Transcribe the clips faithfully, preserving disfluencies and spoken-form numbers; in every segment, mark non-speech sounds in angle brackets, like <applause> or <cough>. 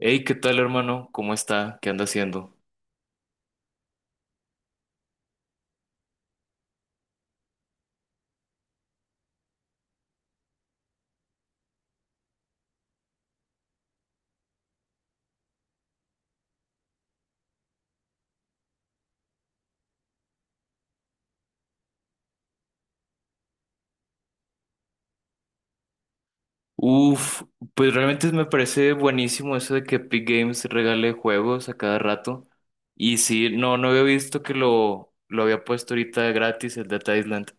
Hey, ¿qué tal, hermano? ¿Cómo está? ¿Qué anda haciendo? Uf, pues realmente me parece buenísimo eso de que Epic Games regale juegos a cada rato. Y sí, no, no había visto que lo, lo había puesto ahorita gratis el Data Island,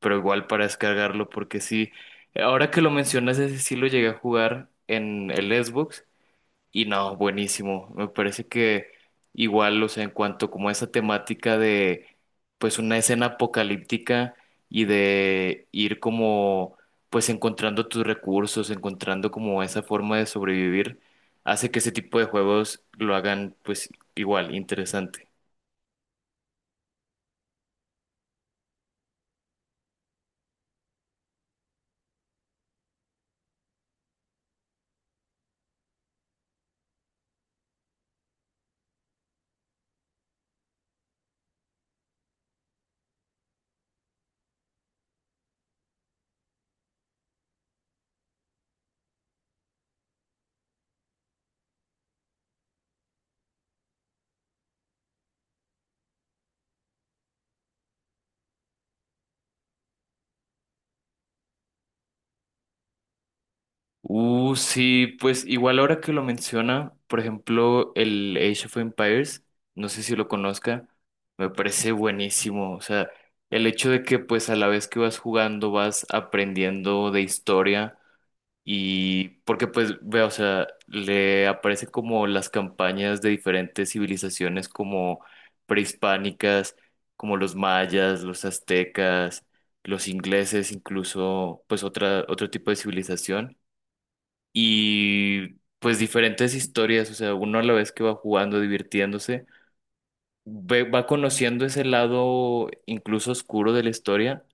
pero igual para descargarlo, porque sí, ahora que lo mencionas, ese sí lo llegué a jugar en el Xbox. Y no, buenísimo. Me parece que igual, o sea, en cuanto como a esa temática de pues una escena apocalíptica y de ir como pues encontrando tus recursos, encontrando como esa forma de sobrevivir, hace que ese tipo de juegos lo hagan pues igual interesante. Uh, sí, pues igual ahora que lo menciona, por ejemplo, el Age of Empires, no sé si lo conozca, me parece buenísimo. O sea, el hecho de que pues a la vez que vas jugando vas aprendiendo de historia y porque pues veo, o sea, le aparecen como las campañas de diferentes civilizaciones como prehispánicas, como los mayas, los aztecas, los ingleses, incluso pues otra, otro tipo de civilización y pues diferentes historias, o sea, uno a la vez que va jugando, divirtiéndose, ve- va conociendo ese lado incluso oscuro de la historia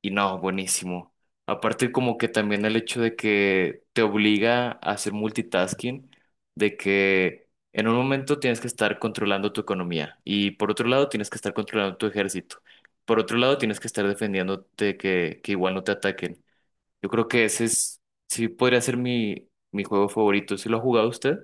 y no, buenísimo. Aparte como que también el hecho de que te obliga a hacer multitasking, de que en un momento tienes que estar controlando tu economía y por otro lado tienes que estar controlando tu ejército. Por otro lado, tienes que estar defendiéndote que, que igual no te ataquen. Yo creo que ese es, sí podría ser mi, mi juego favorito. ¿Sí lo ha jugado usted?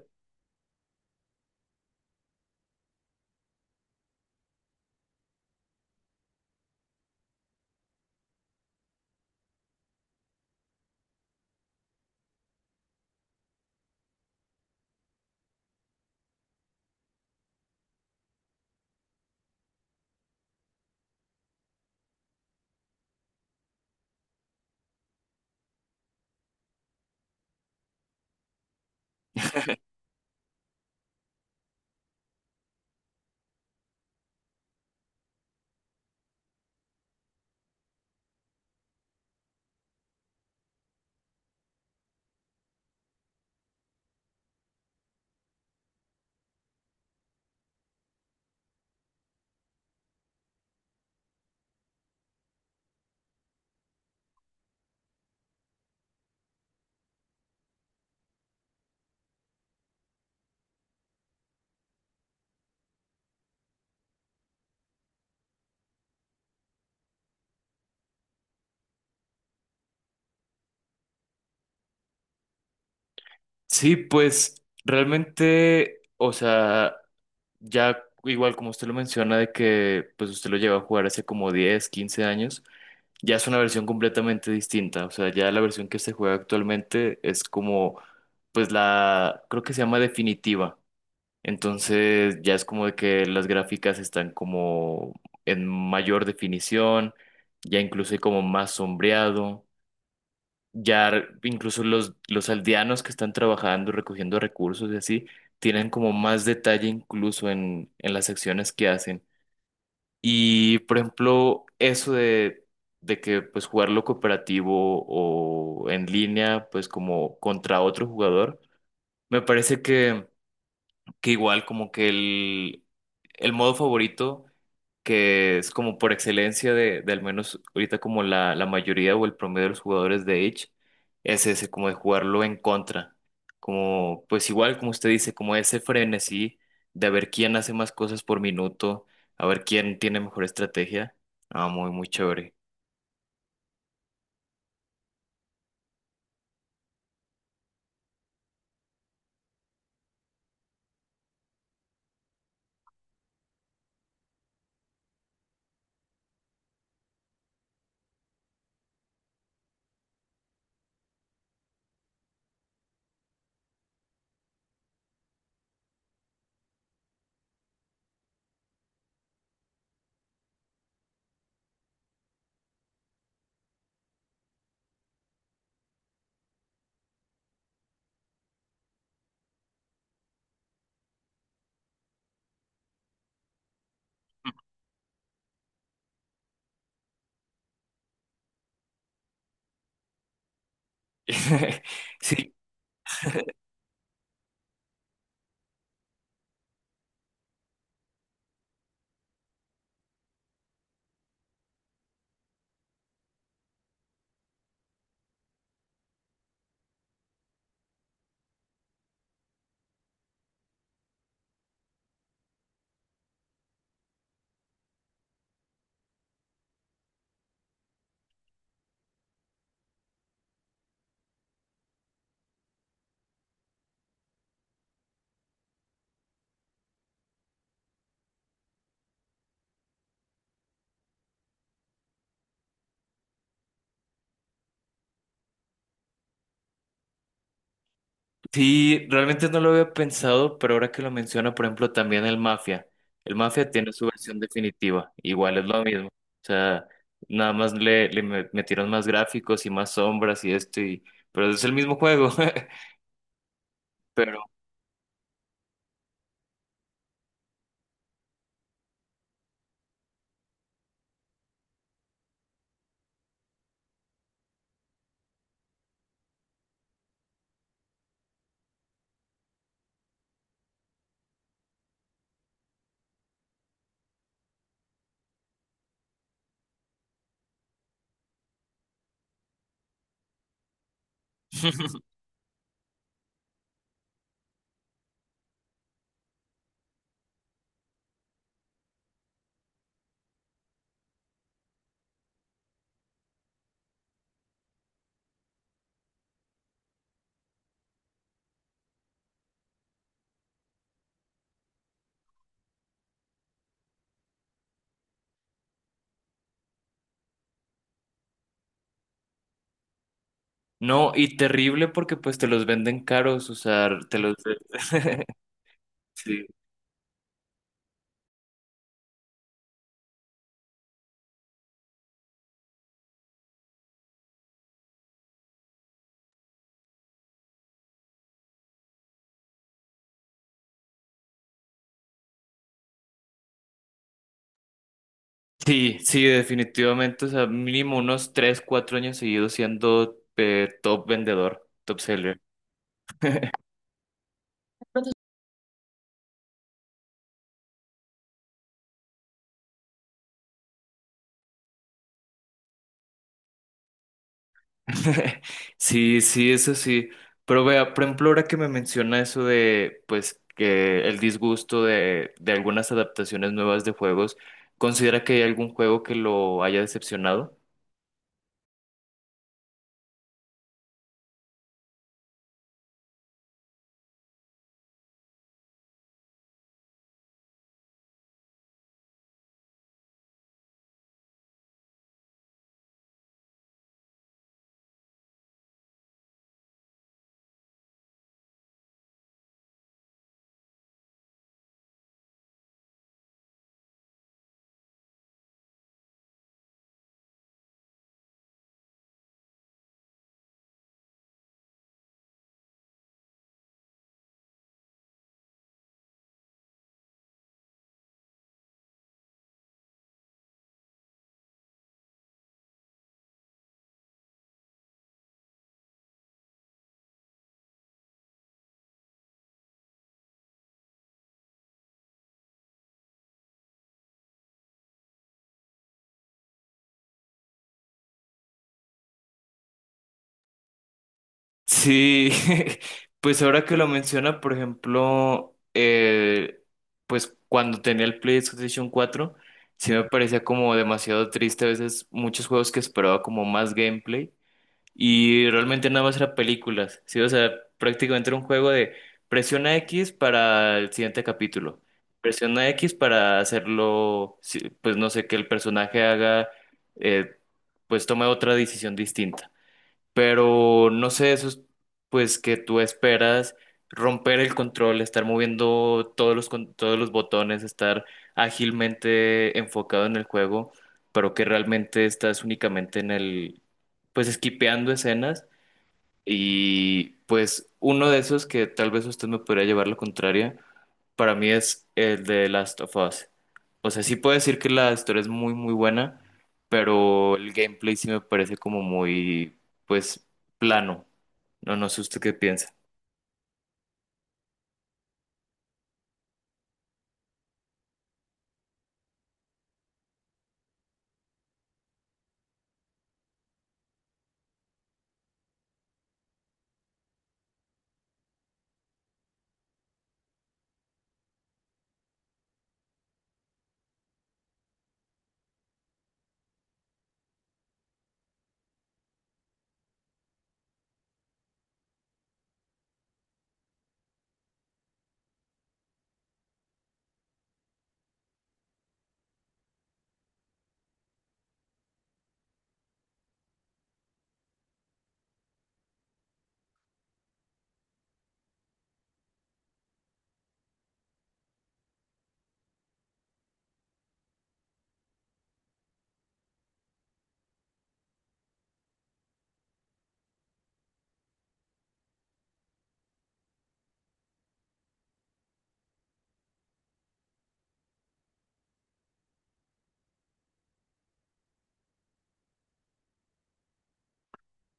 Sí, pues realmente, o sea, ya igual como usted lo menciona de que pues usted lo lleva a jugar hace como diez quince años, ya es una versión completamente distinta. O sea, ya la versión que se juega actualmente es como, pues la, creo que se llama definitiva. Entonces ya es como de que las gráficas están como en mayor definición, ya incluso hay como más sombreado. Ya incluso los, los aldeanos que están trabajando, recogiendo recursos y así, tienen como más detalle incluso en, en las acciones que hacen. Y por ejemplo, eso de, de que pues jugarlo cooperativo o en línea, pues como contra otro jugador, me parece que, que igual como que el, el modo favorito que es como por excelencia de, de al menos ahorita como la, la mayoría o el promedio de los jugadores de Age, es ese, como de jugarlo en contra. Como, pues igual como usted dice, como ese frenesí de ver quién hace más cosas por minuto, a ver quién tiene mejor estrategia. Ah, muy, muy chévere. <laughs> Sí, sí, realmente no lo había pensado, pero ahora que lo menciona, por ejemplo, también el Mafia. El Mafia tiene su versión definitiva, igual es lo mismo. O sea, nada más le, le me- metieron más gráficos y más sombras y esto, y, pero es el mismo juego. <laughs> Pero <laughs> no, y terrible porque pues te los venden caros, o sea, te los... <laughs> Sí. Sí, sí, definitivamente, o sea, mínimo unos tres, cuatro años seguidos siendo eh, top vendedor, top seller. <laughs> <laughs> Sí, sí, eso sí. Pero vea, por ejemplo, ahora que me menciona eso de, pues, que el disgusto de, de algunas adaptaciones nuevas de juegos, ¿considera que hay algún juego que lo haya decepcionado? Sí, <laughs> pues ahora que lo menciona, por ejemplo, eh, pues cuando tenía el PlayStation cuatro, sí me parecía como demasiado triste a veces muchos juegos que esperaba como más gameplay. Y realmente nada más era películas, ¿sí? O sea, prácticamente era un juego de presiona X para el siguiente capítulo. Presiona X para hacerlo, sí, pues no sé, que el personaje haga, eh, pues tome otra decisión distinta. Pero no sé, eso es pues que tú esperas romper el control, estar moviendo todos los, con- todos los botones, estar ágilmente enfocado en el juego, pero que realmente estás únicamente en el, pues esquipeando escenas y pues uno de esos que tal vez usted me podría llevar la contraria para mí es el de Last of Us. O sea, sí puedo decir que la historia es muy, muy buena, pero el gameplay sí me parece como muy, pues, plano. No, no sé usted qué piensa.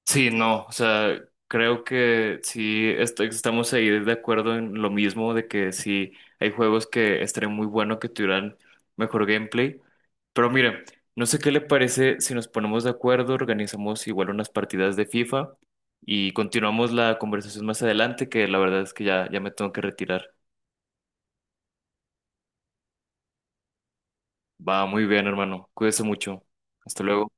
Sí, no, o sea, creo que sí est- estamos ahí de acuerdo en lo mismo de que sí hay juegos que estaría muy bueno que tuvieran mejor gameplay. Pero mira, no sé qué le parece si nos ponemos de acuerdo, organizamos igual unas partidas de FIFA y continuamos la conversación más adelante, que la verdad es que ya, ya, me tengo que retirar. Va muy bien, hermano. Cuídese mucho. Hasta luego.